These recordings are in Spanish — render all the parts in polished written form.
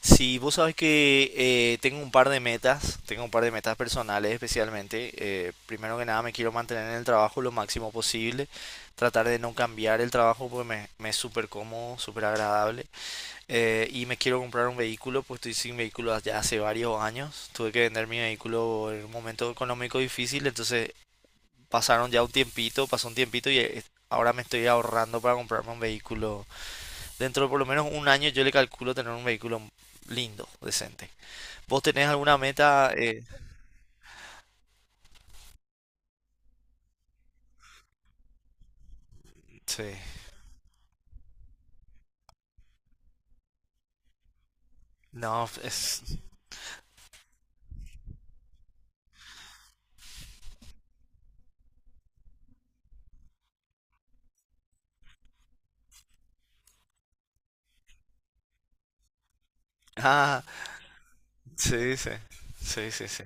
Sí, vos sabés que tengo un par de metas personales especialmente. Primero que nada me quiero mantener en el trabajo lo máximo posible, tratar de no cambiar el trabajo porque me es súper cómodo, súper agradable. Y me quiero comprar un vehículo, pues estoy sin vehículo ya hace varios años. Tuve que vender mi vehículo en un momento económico difícil, entonces pasaron ya un tiempito, pasó un tiempito y ahora me estoy ahorrando para comprarme un vehículo. Dentro de por lo menos un año yo le calculo tener un vehículo lindo, decente. ¿Vos tenés alguna meta? Sí. No. Ah, sí, sí. Sí, sí, sí.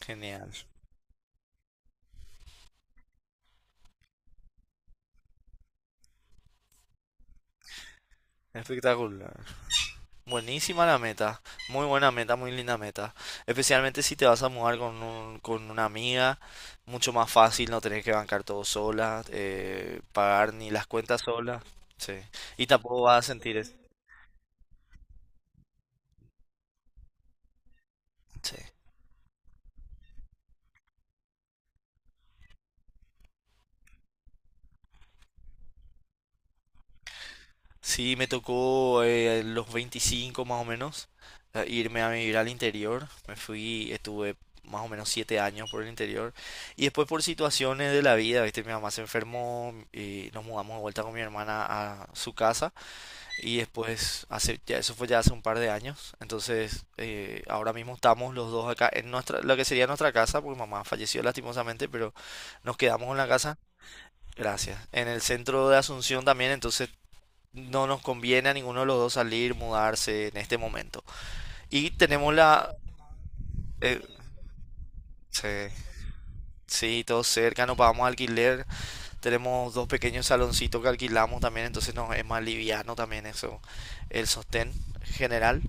Genial. Espectacular. Buenísima la meta. Muy buena meta, muy linda meta. Especialmente si te vas a mudar con con una amiga. Mucho más fácil, no tenés que bancar todo sola, pagar ni las cuentas sola. Sí. Y tampoco vas a sentir. Sí. Sí, me tocó a los 25 más o menos a irme a vivir al interior. Me fui, estuve más o menos 7 años por el interior. Y después por situaciones de la vida, ¿viste? Mi mamá se enfermó y nos mudamos de vuelta con mi hermana a su casa. Y después, eso fue ya hace un par de años. Entonces, ahora mismo estamos los dos acá en lo que sería nuestra casa, porque mamá falleció lastimosamente, pero nos quedamos en la casa. Gracias. En el centro de Asunción también, entonces no nos conviene a ninguno de los dos salir, mudarse en este momento. Y tenemos la... eh, sí, sí, todo cerca, no pagamos alquiler, tenemos dos pequeños saloncitos que alquilamos también, entonces nos es más liviano también eso, el sostén general.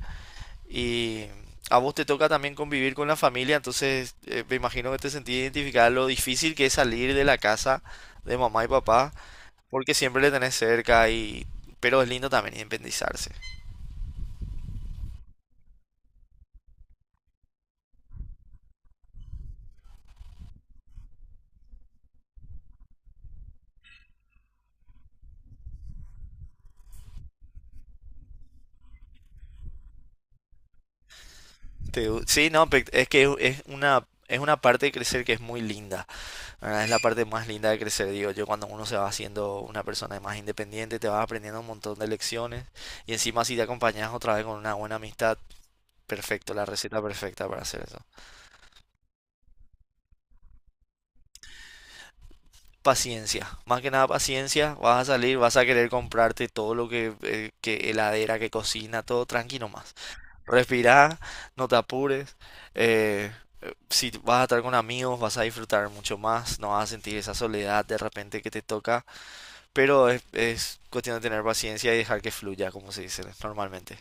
Y a vos te toca también convivir con la familia, entonces me imagino que te sentís identificada lo difícil que es salir de la casa de mamá y papá, porque siempre le tenés cerca y... pero es lindo también independizarse. Sí, no, es que es una, parte de crecer que es muy linda, ¿verdad? Es la parte más linda de crecer, digo yo. Cuando uno se va haciendo una persona más independiente, te vas aprendiendo un montón de lecciones, y encima si te acompañas otra vez con una buena amistad, perfecto, la receta perfecta para hacer eso. Paciencia, más que nada paciencia. Vas a salir, vas a querer comprarte todo lo que heladera, que cocina, todo tranquilo más. Respirá, no te apures. Eh, si vas a estar con amigos, vas a disfrutar mucho más, no vas a sentir esa soledad de repente que te toca, pero es cuestión de tener paciencia y dejar que fluya, como se dice normalmente.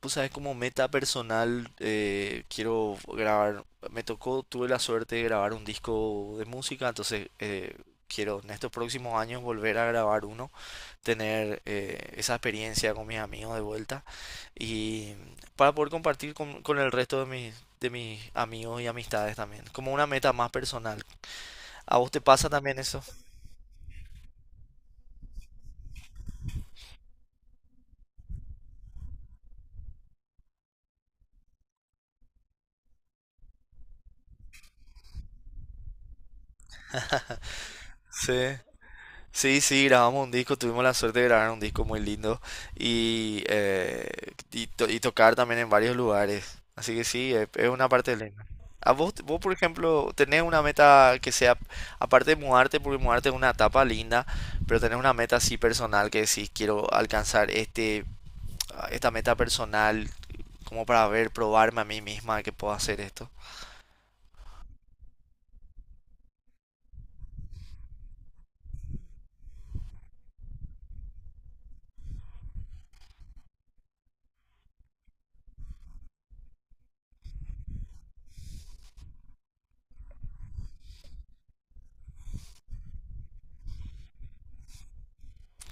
Pues sabes, como meta personal, quiero grabar. Me tocó, tuve la suerte de grabar un disco de música, entonces quiero en estos próximos años volver a grabar uno, tener esa experiencia con mis amigos de vuelta, y para poder compartir con el resto de mis amigos y amistades también, como una meta más personal. ¿A vos te pasa también eso? Sí. Sí, sí, grabamos un disco, tuvimos la suerte de grabar un disco muy lindo y, y tocar también en varios lugares. Así que sí, es una parte linda. ¿A vos, por ejemplo, tenés una meta que sea, aparte de mudarte, porque mudarte es una etapa linda, pero tenés una meta así personal que decís, quiero alcanzar este, esta meta personal, como para ver, probarme a mí misma que puedo hacer esto?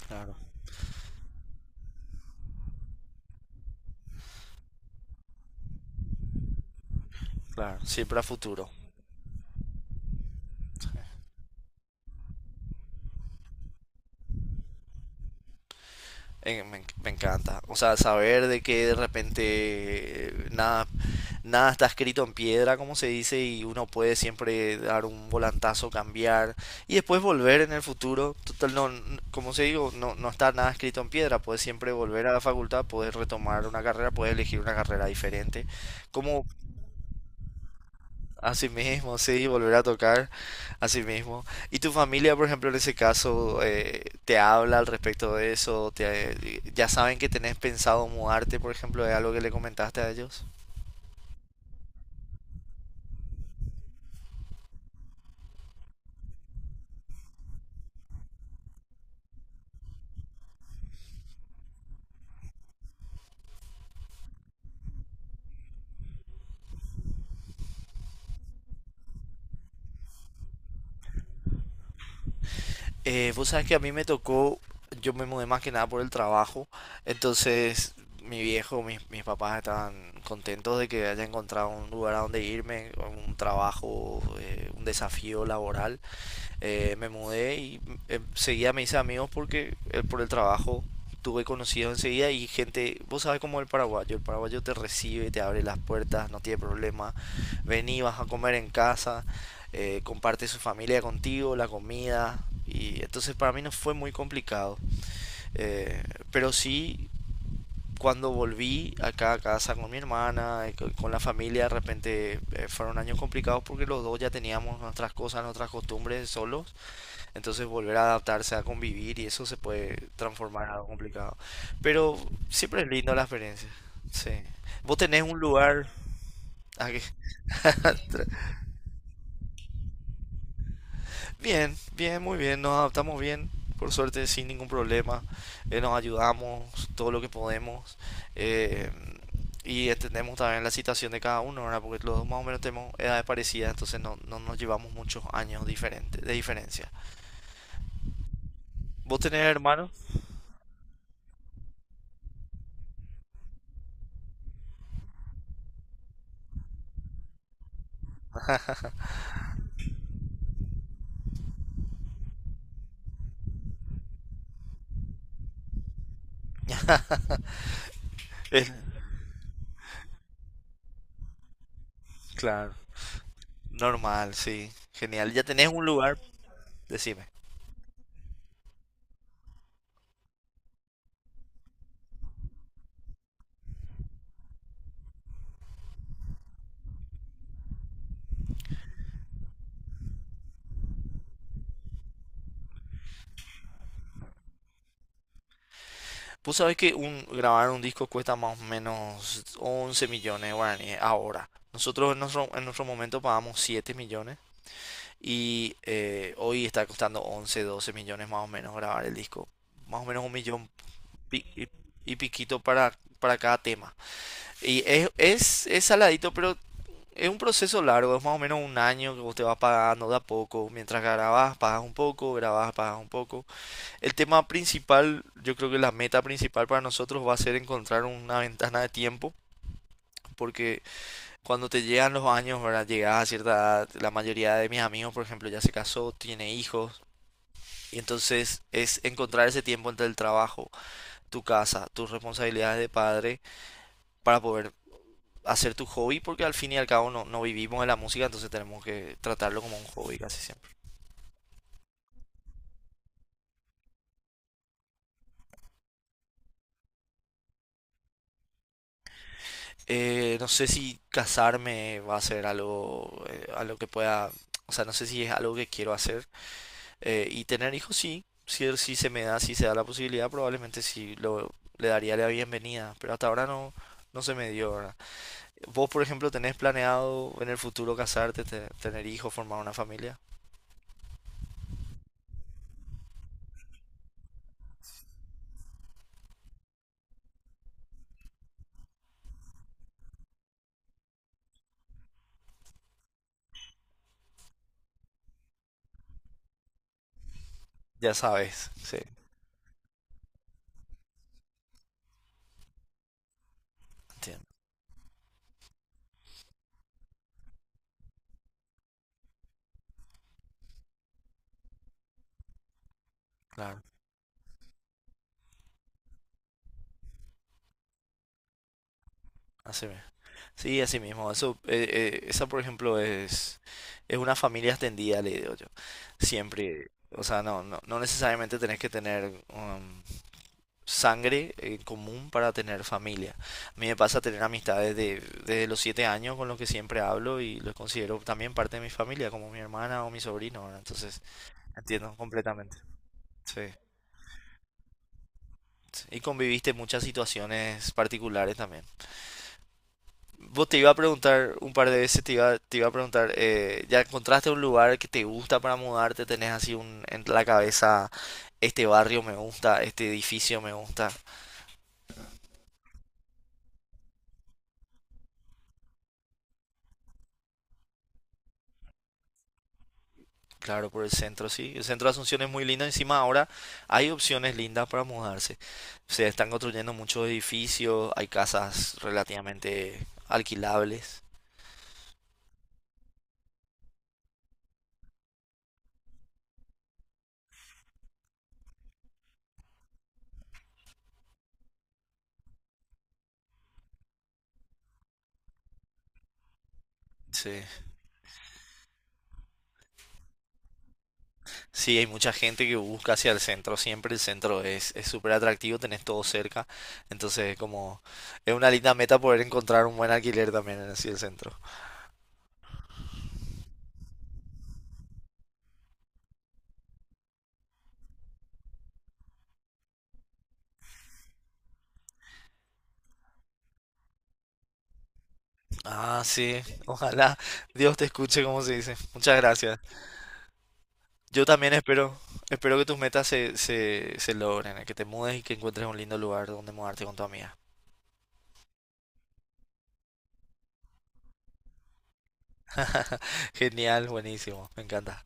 Claro, claro. Siempre a futuro. Me encanta. O sea, saber de que de repente eh, nada, nada está escrito en piedra, como se dice, y uno puede siempre dar un volantazo, cambiar y después volver en el futuro. Total, no, como se digo, no, no está nada escrito en piedra. Puedes siempre volver a la facultad, puedes retomar una carrera, puedes elegir una carrera diferente. Como, Así mismo, sí, volver a tocar, así mismo. ¿Y tu familia, por ejemplo, en ese caso, te habla al respecto de eso? Ya saben que tenés pensado mudarte? Por ejemplo, ¿es algo que le comentaste a ellos? Vos sabés que a mí me tocó, yo me mudé más que nada por el trabajo, entonces mis papás estaban contentos de que haya encontrado un lugar a donde irme, un trabajo, un desafío laboral. Me mudé y seguía, me hice amigos porque por el trabajo tuve conocidos enseguida. Y gente, vos sabes cómo es el paraguayo te recibe, te abre las puertas, no tiene problema, vení, vas a comer en casa, comparte su familia contigo, la comida. Y entonces para mí no fue muy complicado. Eh, pero sí, cuando volví acá a casa con mi hermana, con la familia, de repente fueron años complicados porque los dos ya teníamos nuestras cosas, nuestras costumbres solos. Entonces volver a adaptarse a convivir, y eso se puede transformar en algo complicado. Pero siempre es lindo la experiencia. Sí. Vos tenés un lugar... ah, que- Bien, bien, muy bien. Nos adaptamos bien, por suerte, sin ningún problema. Nos ayudamos todo lo que podemos, eh, y entendemos también la situación de cada uno, ¿verdad? Porque los dos más o menos tenemos edades parecidas, entonces no, no nos llevamos muchos años diferentes, de diferencia. ¿Vos tenés hermanos? Eh, Claro. Normal, sí. Genial. Ya tenés un lugar, decime. Vos sabés que grabar un disco cuesta más o menos 11 millones de guaraníes ahora. Nosotros en nuestro momento pagamos 7 millones, y hoy está costando 11, 12 millones más o menos grabar el disco. Más o menos un millón pi- y, y piquito para cada tema. Y es saladito, pero es un proceso largo. Es más o menos un año que vos te vas pagando de a poco. Mientras grabás, pagas un poco, grabás, pagas un poco. El tema principal, yo creo que la meta principal para nosotros va a ser encontrar una ventana de tiempo, porque cuando te llegan los años, ¿verdad? Llegas a cierta edad, la mayoría de mis amigos, por ejemplo, ya se casó, tiene hijos, y entonces es encontrar ese tiempo entre el trabajo, tu casa, tus responsabilidades de padre, para poder hacer tu hobby, porque al fin y al cabo no no vivimos de la música, entonces tenemos que tratarlo como un hobby casi siempre. No sé si casarme va a ser algo que pueda, o sea, no sé si es algo que quiero hacer. Y tener hijos, sí. Si, si se me da, si se da la posibilidad, probablemente sí le daría la bienvenida, pero hasta ahora no, no se me dio, ¿verdad? ¿Vos, por ejemplo, tenés planeado en el futuro casarte, tener hijos, formar una familia? Ya sabes, sí, entiendo, claro, así. Sí, así mismo. Eso, esa, por ejemplo, es una familia extendida, le digo yo. Siempre. O sea, no necesariamente tenés que tener sangre en común para tener familia. A mí me pasa tener amistades desde los 7 años, con los que siempre hablo y los considero también parte de mi familia, como mi hermana o mi sobrino, ¿verdad? Entonces, entiendo completamente. Sí. Sí. Y conviviste muchas situaciones particulares también. Vos te iba a preguntar un par de veces, te iba a preguntar, ¿ya encontraste un lugar que te gusta para mudarte? ¿Tenés así en la cabeza, este barrio me gusta, este edificio me gusta? Claro, por el centro, sí. El centro de Asunción es muy lindo. Encima ahora hay opciones lindas para mudarse. Se están construyendo muchos edificios, hay casas relativamente alquilables. Sí. Sí, hay mucha gente que busca hacia el centro, siempre el centro es súper atractivo, tenés todo cerca, entonces como es una linda meta poder encontrar un buen alquiler también en así el centro. Ah, sí, ojalá Dios te escuche, como se dice. Muchas gracias. Yo también espero que tus metas se logren, que te mudes y que encuentres un lindo lugar donde mudarte con tu amiga. Genial, buenísimo, me encanta.